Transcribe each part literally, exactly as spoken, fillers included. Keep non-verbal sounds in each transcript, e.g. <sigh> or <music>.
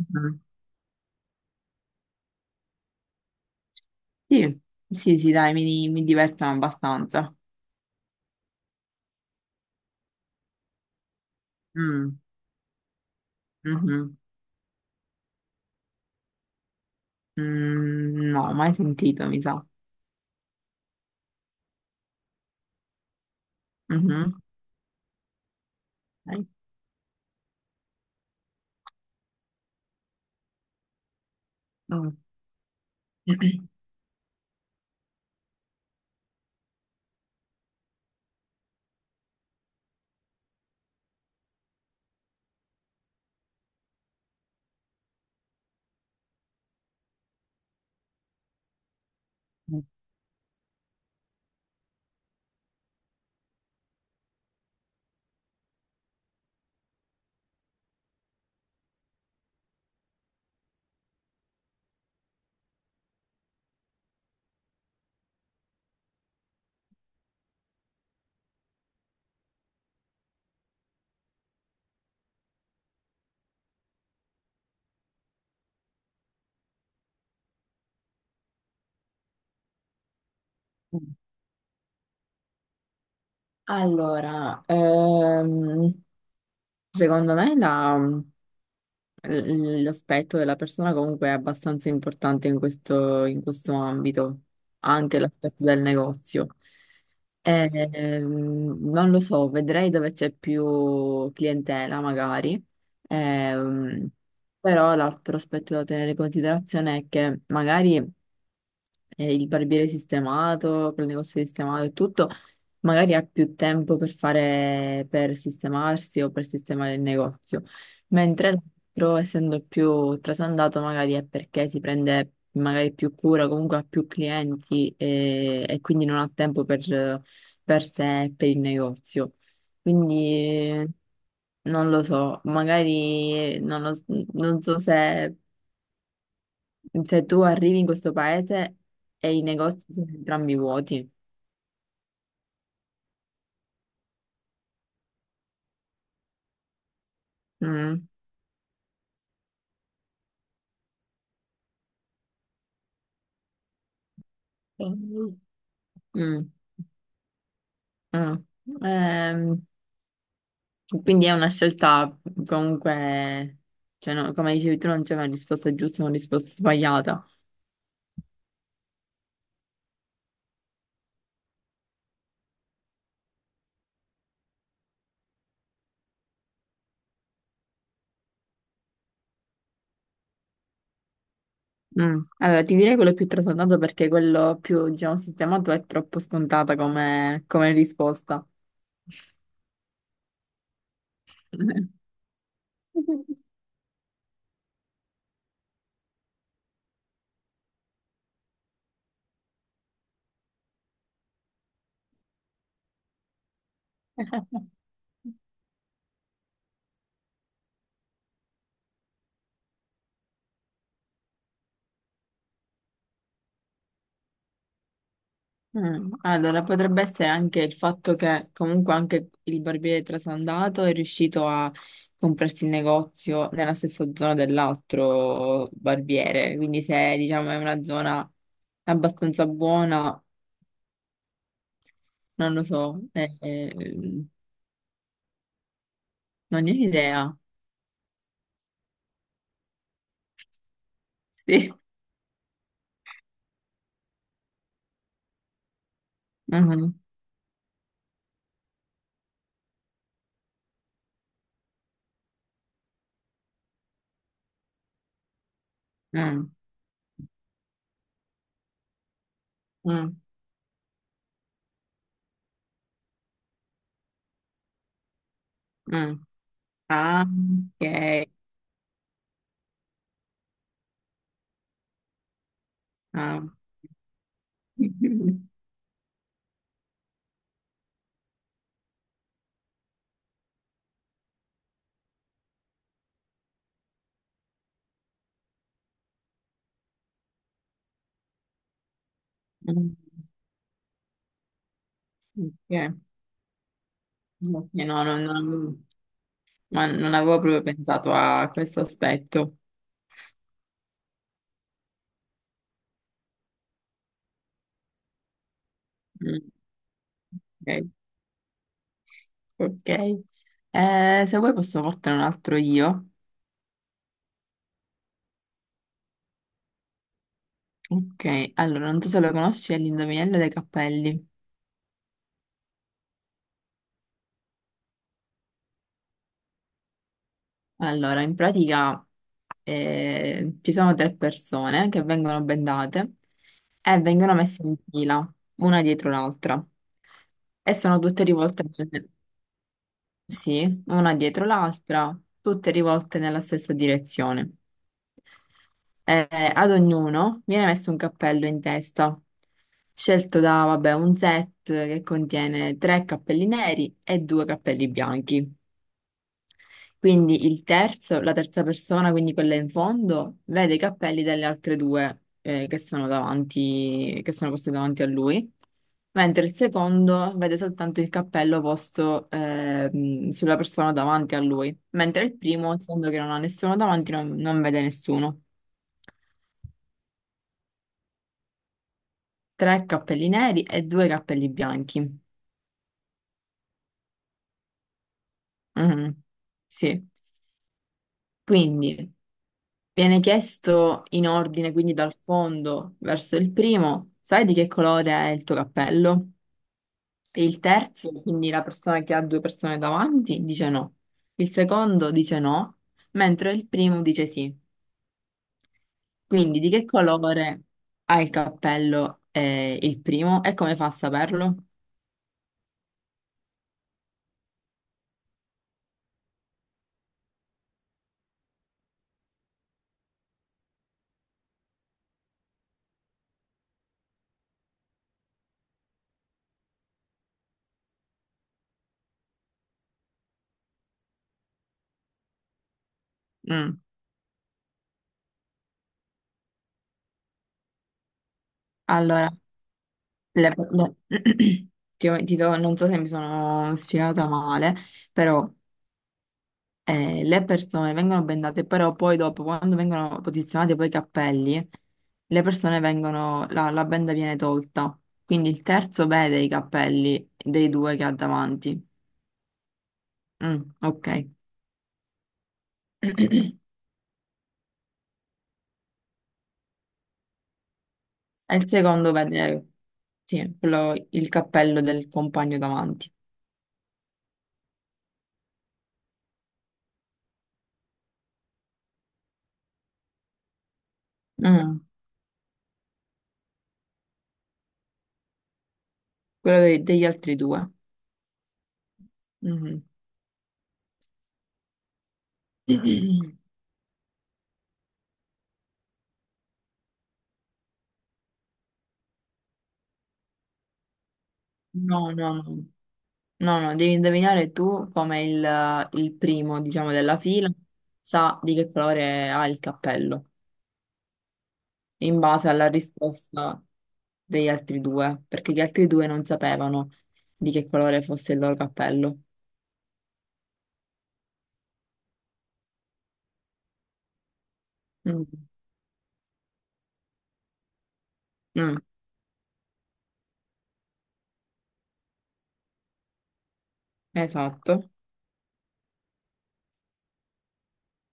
Mhm. Sì, sì, sì, dai, mi, mi divertono abbastanza. Mm, mhm. Mm, no, mai sentito, mi sa. Mhm. Dai. Mm. <clears throat> Allora, ehm, secondo me la- l- l'aspetto della persona comunque è abbastanza importante in questo, in questo ambito, anche l'aspetto del negozio. Eh, ehm, non lo so, vedrei dove c'è più clientela magari. Ehm, Però l'altro aspetto da tenere in considerazione è che magari eh, il barbiere sistemato, col negozio sistemato e tutto, magari ha più tempo per fare, per sistemarsi o per sistemare il negozio, mentre l'altro, essendo più trasandato, magari è perché si prende magari più cura, comunque ha più clienti e, e quindi non ha tempo per, per sé e per il negozio. Quindi non lo so, magari non, lo- non so se, cioè, tu arrivi in questo paese e i negozi sono entrambi vuoti. Mm. Mm. Mm, mm. Ehm, quindi è una scelta comunque, cioè, no, come dicevi tu, non c'è una risposta giusta o una risposta sbagliata. Mm. Allora, ti direi quello più trasandato perché quello più, diciamo, sistemato è troppo scontata come, come risposta. <laughs> Mm, allora, potrebbe essere anche il fatto che comunque anche il barbiere trasandato è riuscito a comprarsi il negozio nella stessa zona dell'altro barbiere, quindi se diciamo è una zona abbastanza buona, non lo so, eh, eh, non ne ho idea. <laughs> Sì. Mhm. Mm, mm, mm. Ah, ok. Ah. <laughs> Mm, ok. Ok, no, no, no, no, ma non avevo proprio pensato a questo aspetto. Mm, ok, ok. Eh, se vuoi posso portare un altro io. Ok, allora, non so se lo conosci, è l'indovinello dei cappelli. Allora, in pratica eh, ci sono tre persone che vengono bendate e vengono messe in fila, una dietro l'altra. E sono tutte rivolte, sì, una dietro l'altra, tutte rivolte nella stessa direzione. Eh, ad ognuno viene messo un cappello in testa, scelto da, vabbè, un set che contiene tre cappelli neri e due cappelli bianchi. Quindi il terzo, la terza persona, quindi quella in fondo, vede i cappelli delle altre due, eh, che sono davanti, che sono posti davanti a lui, mentre il secondo vede soltanto il cappello posto, ehm, sulla persona davanti a lui, mentre il primo, essendo che non ha nessuno davanti, non non vede nessuno. Tre cappelli neri e due cappelli bianchi. Mhm, sì. Quindi viene chiesto in ordine, quindi dal fondo verso il primo, sai di che colore è il tuo cappello? E il terzo, quindi la persona che ha due persone davanti, dice no. Il secondo dice no, mentre il primo dice sì. Quindi di che colore ha il cappello, eh, il primo e come fa a saperlo? Mm. Allora. Le- le- <clears throat> ti, ho- ti do- non so se mi sono spiegata male, però eh, le persone vengono bendate, però poi dopo, quando vengono posizionati poi i cappelli, le persone vengono, la, la benda viene tolta. Quindi il terzo vede i cappelli dei due che ha davanti. Mm, ok. E il secondo vede, sì, quello- il cappello del compagno davanti. Mm, quello dei- degli altri due. Mhm. <clears throat> No, no, no. No, no, devi indovinare tu come il, il primo, diciamo, della fila sa di che colore ha il cappello, in base alla risposta degli altri due, perché gli altri due non sapevano di che colore fosse il loro cappello. Mm. Mm, esatto.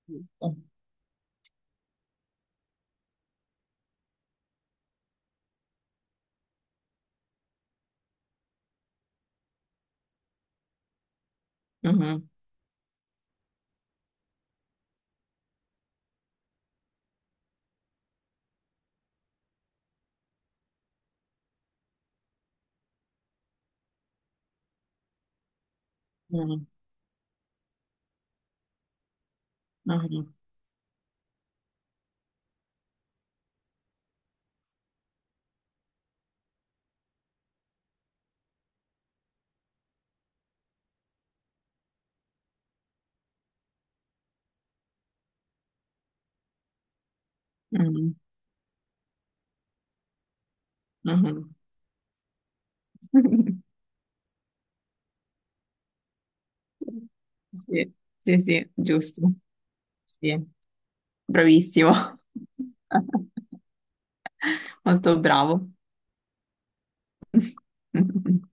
Giusto. Mhm, mhm, mhm, mhm, mhm. <laughs> Sì, sì, sì, giusto. Sì, bravissimo. <laughs> Molto bravo. <laughs>